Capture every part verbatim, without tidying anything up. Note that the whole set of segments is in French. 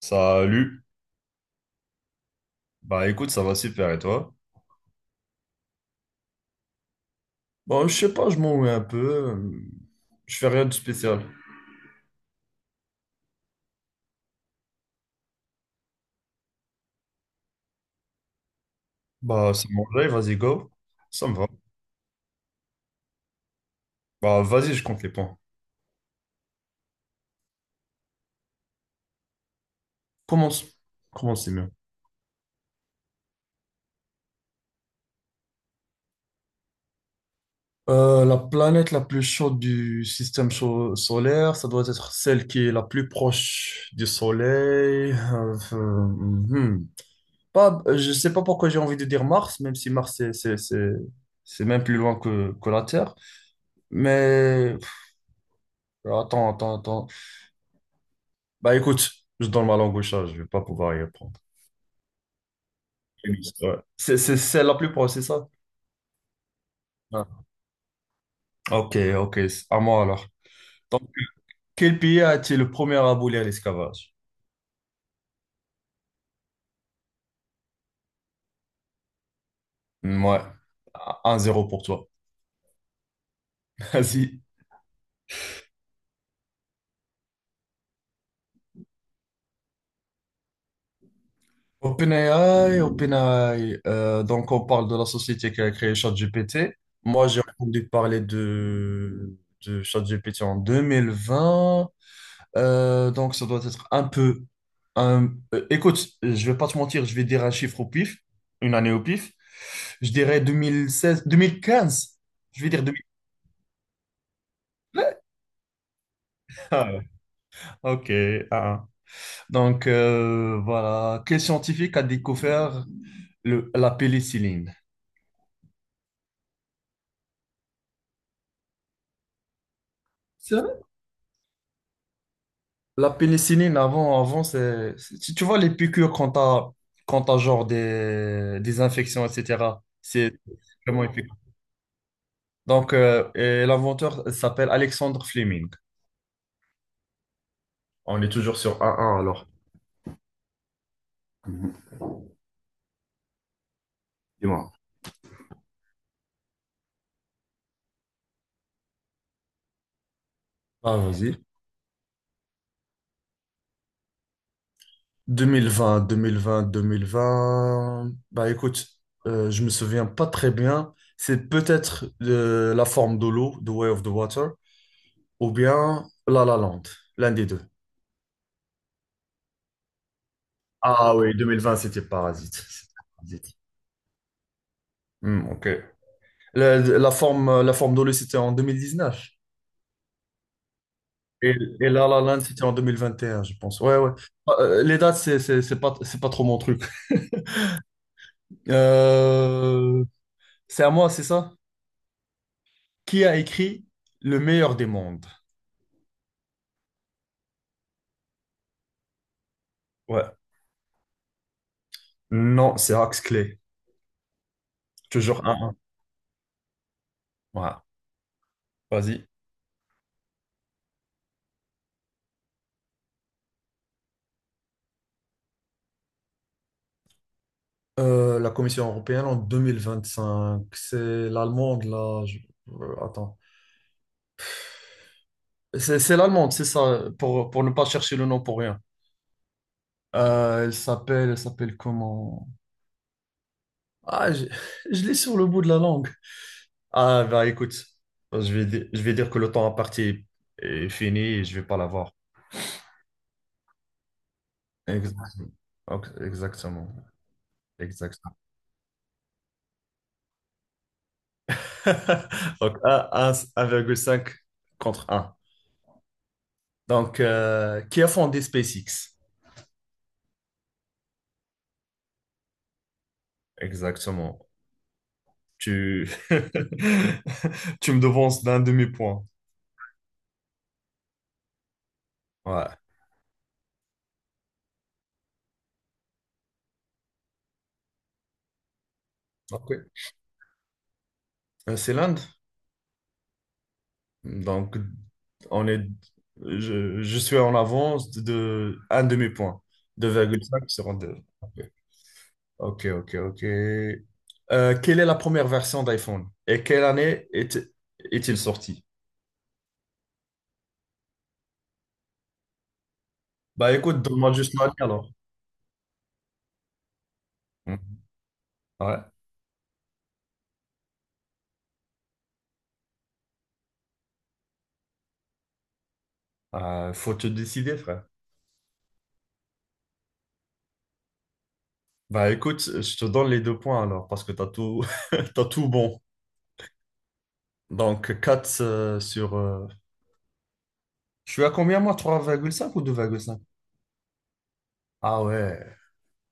Salut. Bah écoute, ça va super et toi? Bon, je sais pas, je m'ennuie un peu. euh, Je fais rien de spécial. Bah c'est mon live, vas-y go. Ça me va. Bah vas-y, je compte les points. Commence. Commence, c'est mieux. Euh, la planète la plus chaude du système cho- solaire, ça doit être celle qui est la plus proche du Soleil. Euh, euh, hmm. Pas, euh, je sais pas pourquoi j'ai envie de dire Mars, même si Mars c'est c'est- c'est- c'est même plus loin que, que la Terre. Mais pff, attends, attends, attends. Bah écoute, je donne ma langue au chat, je vais pas pouvoir y répondre. Ouais. C'est c'est celle la plus proche, c'est ça? Ah. Ok, ok, c'est à moi alors. Donc, quel pays a été le premier à abolir l'esclavage? Ouais, un zéro pour toi. Vas-y. OpenAI, OpenAI. euh, donc, on parle de la société qui a créé ChatGPT. Moi, j'ai entendu parler de, de ChatGPT en deux mille vingt. Euh, donc, ça doit être un peu. un- euh, écoute, je vais pas te mentir, je vais dire un chiffre au pif, une année au pif. Je dirais deux mille seize, deux mille quinze. Je vais dire deux mille quinze. Ah, ouais. Ok. Ah. Ah. Donc, euh, voilà. Quel scientifique a découvert le- la pénicilline? C'est vrai? La pénicilline, avant, avant c'est, c'est- tu tu vois les piqûres quand t'as, quand t'as genre des, des infections, et cetera. C'est vraiment Donc, euh, et l'inventeur s'appelle Alexandre Fleming. On est toujours sur un un alors. Dis-moi. Ah, vas-y. deux mille vingt, deux mille vingt, deux mille vingt. Bah écoute, euh, je me souviens pas très bien. C'est peut-être euh, la forme de l'eau, The Way of the Water, ou bien La La Land, l'un des deux. Ah oui, deux mille vingt, c'était Parasite. C'était Parasite. Hmm, ok. La, la forme, la forme de l'eau, c'était en deux mille dix-neuf. Et, et La La Land, c'était en deux mille vingt et un, je pense. Ouais, ouais. Ah. Euh, les dates, c'est c'est- c'est pas, c'est pas trop mon truc. Euh, c'est à moi, c'est ça? Qui a écrit Le meilleur des mondes? Ouais. Non, c'est Axe Clay. Toujours un. 1 Voilà. Vas-y. Euh, la Commission européenne en deux mille vingt-cinq. C'est l'allemande, là. je- euh, attends. C'est c'est l'allemande, c'est ça, pour, pour ne pas chercher le nom pour rien. Euh, elle s'appelle, elle s'appelle comment? Ah, je, je l'ai sur le bout de la langue. Ah, bah écoute, je vais, di- je vais dire que le temps à partir est fini et je vais pas l'avoir. Exactement. Ok, exactement. Exactement. Donc, un- un- 1,5 contre un. Donc, euh, qui a fondé SpaceX? Exactement. Tu, tu me devances d'un demi-point. Ouais. Ok. Euh, C'est l'Inde. Donc, on est, je, je suis en avance de un demi-point. Deux virgule cinq sur deux. Ok, ok, ok. Euh, quelle est la première version d'iPhone et quelle année est, est-il sorti? Bah écoute, donne-moi juste l'année alors. Hmm. Ouais, Euh, faut te décider, frère. Bah écoute, je te donne les deux points alors parce que t'as tout, t'as tout bon. Donc quatre euh, sur. euh, Je suis à combien moi? Trois virgule cinq ou deux virgule cinq? Ah ouais,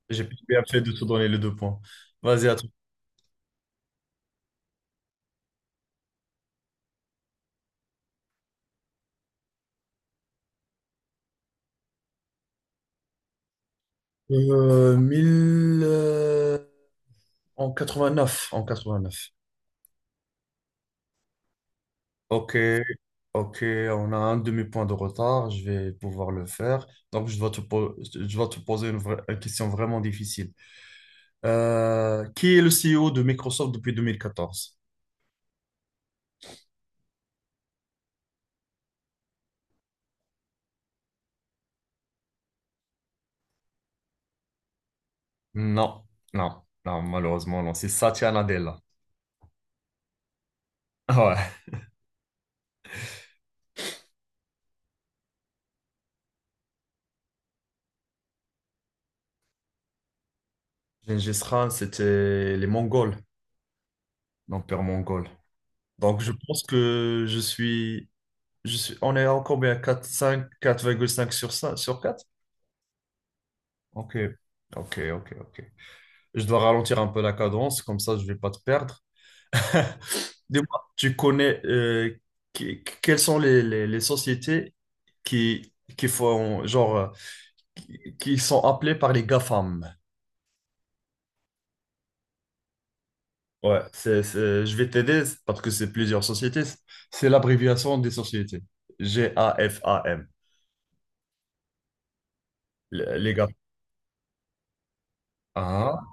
j'ai bien fait de te donner les deux points. Vas-y, à toi. Euh, mille, euh, en quatre-vingt-neuf, en neuf Ok. Ok, on a un demi-point de retard, je vais pouvoir le faire. Donc, je dois te, po- je dois te poser une, vraie- une question vraiment difficile. Euh, qui est le C E O de Microsoft depuis deux mille quatorze? Non, non, non, malheureusement, non. C'est Satya Nadella. Ah. Ouais. Gengis Khan, c'était les Mongols, l'empire mongol. Donc, je pense que je suis, je suis, on est encore bien à quatre, cinq, quatre virgule cinq sur cinq, sur quatre? Ok, ok, ok, ok. Je dois ralentir un peu la cadence, comme ça, je vais pas te perdre. Dis-moi, tu connais euh, que- quelles sont les, les, les sociétés qui, qui font genre euh, qui, qui sont appelées par les GAFAM. Ouais, c'est, c'est- je vais t'aider parce que c'est plusieurs sociétés. C'est l'abréviation des sociétés. G-A-F-A-M. Les les GAFAM. Ah,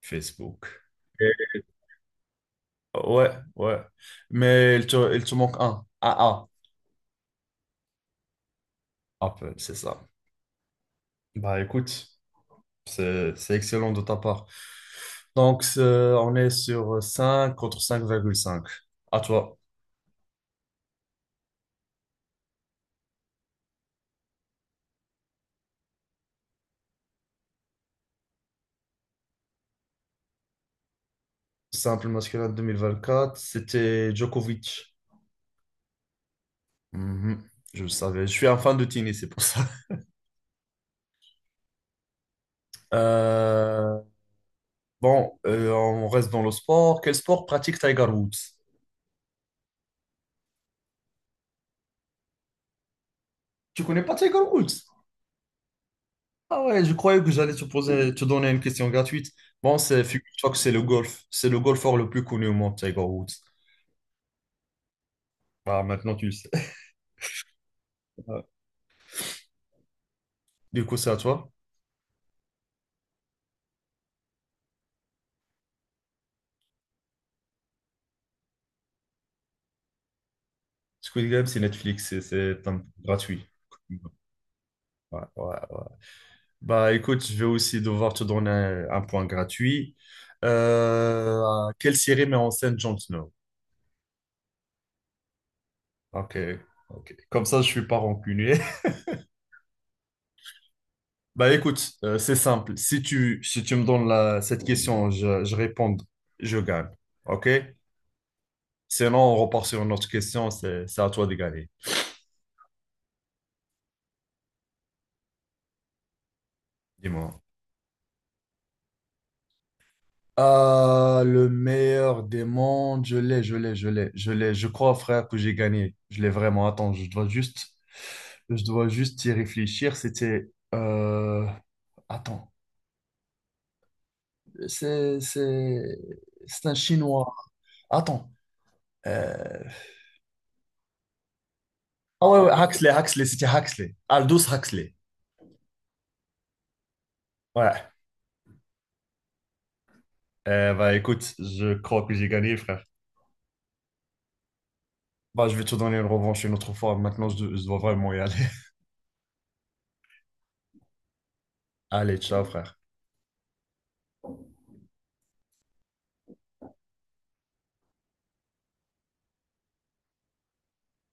Facebook. Et- ouais, ouais. Mais il te, il te manque un. A A. Apple, c'est ça. Bah écoute. C'est c'est excellent de ta part. Donc, c'est- on est sur cinq contre cinq virgule cinq. À toi. Simple masculin deux mille vingt quatre c'était Djokovic. Mhm, je le savais. Je suis un fan de tennis, c'est pour ça. Euh, bon, euh, on reste dans le sport. Quel sport pratique Tiger Woods? Tu connais pas Tiger Woods? Ah ouais, je croyais que j'allais te poser, te donner une question gratuite. Bon, c'est, figure-toi que c'est le golf. C'est le golfeur le plus connu au monde, Tiger Woods. Ah, maintenant tu le sais. Du coup, c'est à toi. Squid Game, c'est Netflix, c'est c'est un- gratuit. Ouais, ouais, ouais. Bah écoute, je vais aussi devoir te donner un, un point gratuit. Euh, quelle série met en scène Jon Snow? Ok, ok. Comme ça, je suis pas rancunier. Bah écoute, euh, c'est simple. Si tu, si tu me donnes la, cette question, je, je réponds, je gagne. Ok? Sinon, on repart sur une autre question, c'est c'est à toi de gagner. Dis-moi. Ah, le meilleur des mondes, je l'ai, je l'ai, je l'ai, je l'ai. Je crois, frère, que j'ai gagné. Je l'ai vraiment. Attends, je dois juste, je dois juste y réfléchir. C'était, euh, attends, c'est, c'est, c'est un Chinois. Attends. euh, Ah ouais, ouais, Huxley, Huxley, c'était Huxley. Aldous Huxley. Ouais. Euh, bah écoute, je crois que j'ai gagné, frère. Bah, je vais te donner une revanche une autre fois. Maintenant, je, je dois vraiment y aller. Allez, ciao, frère.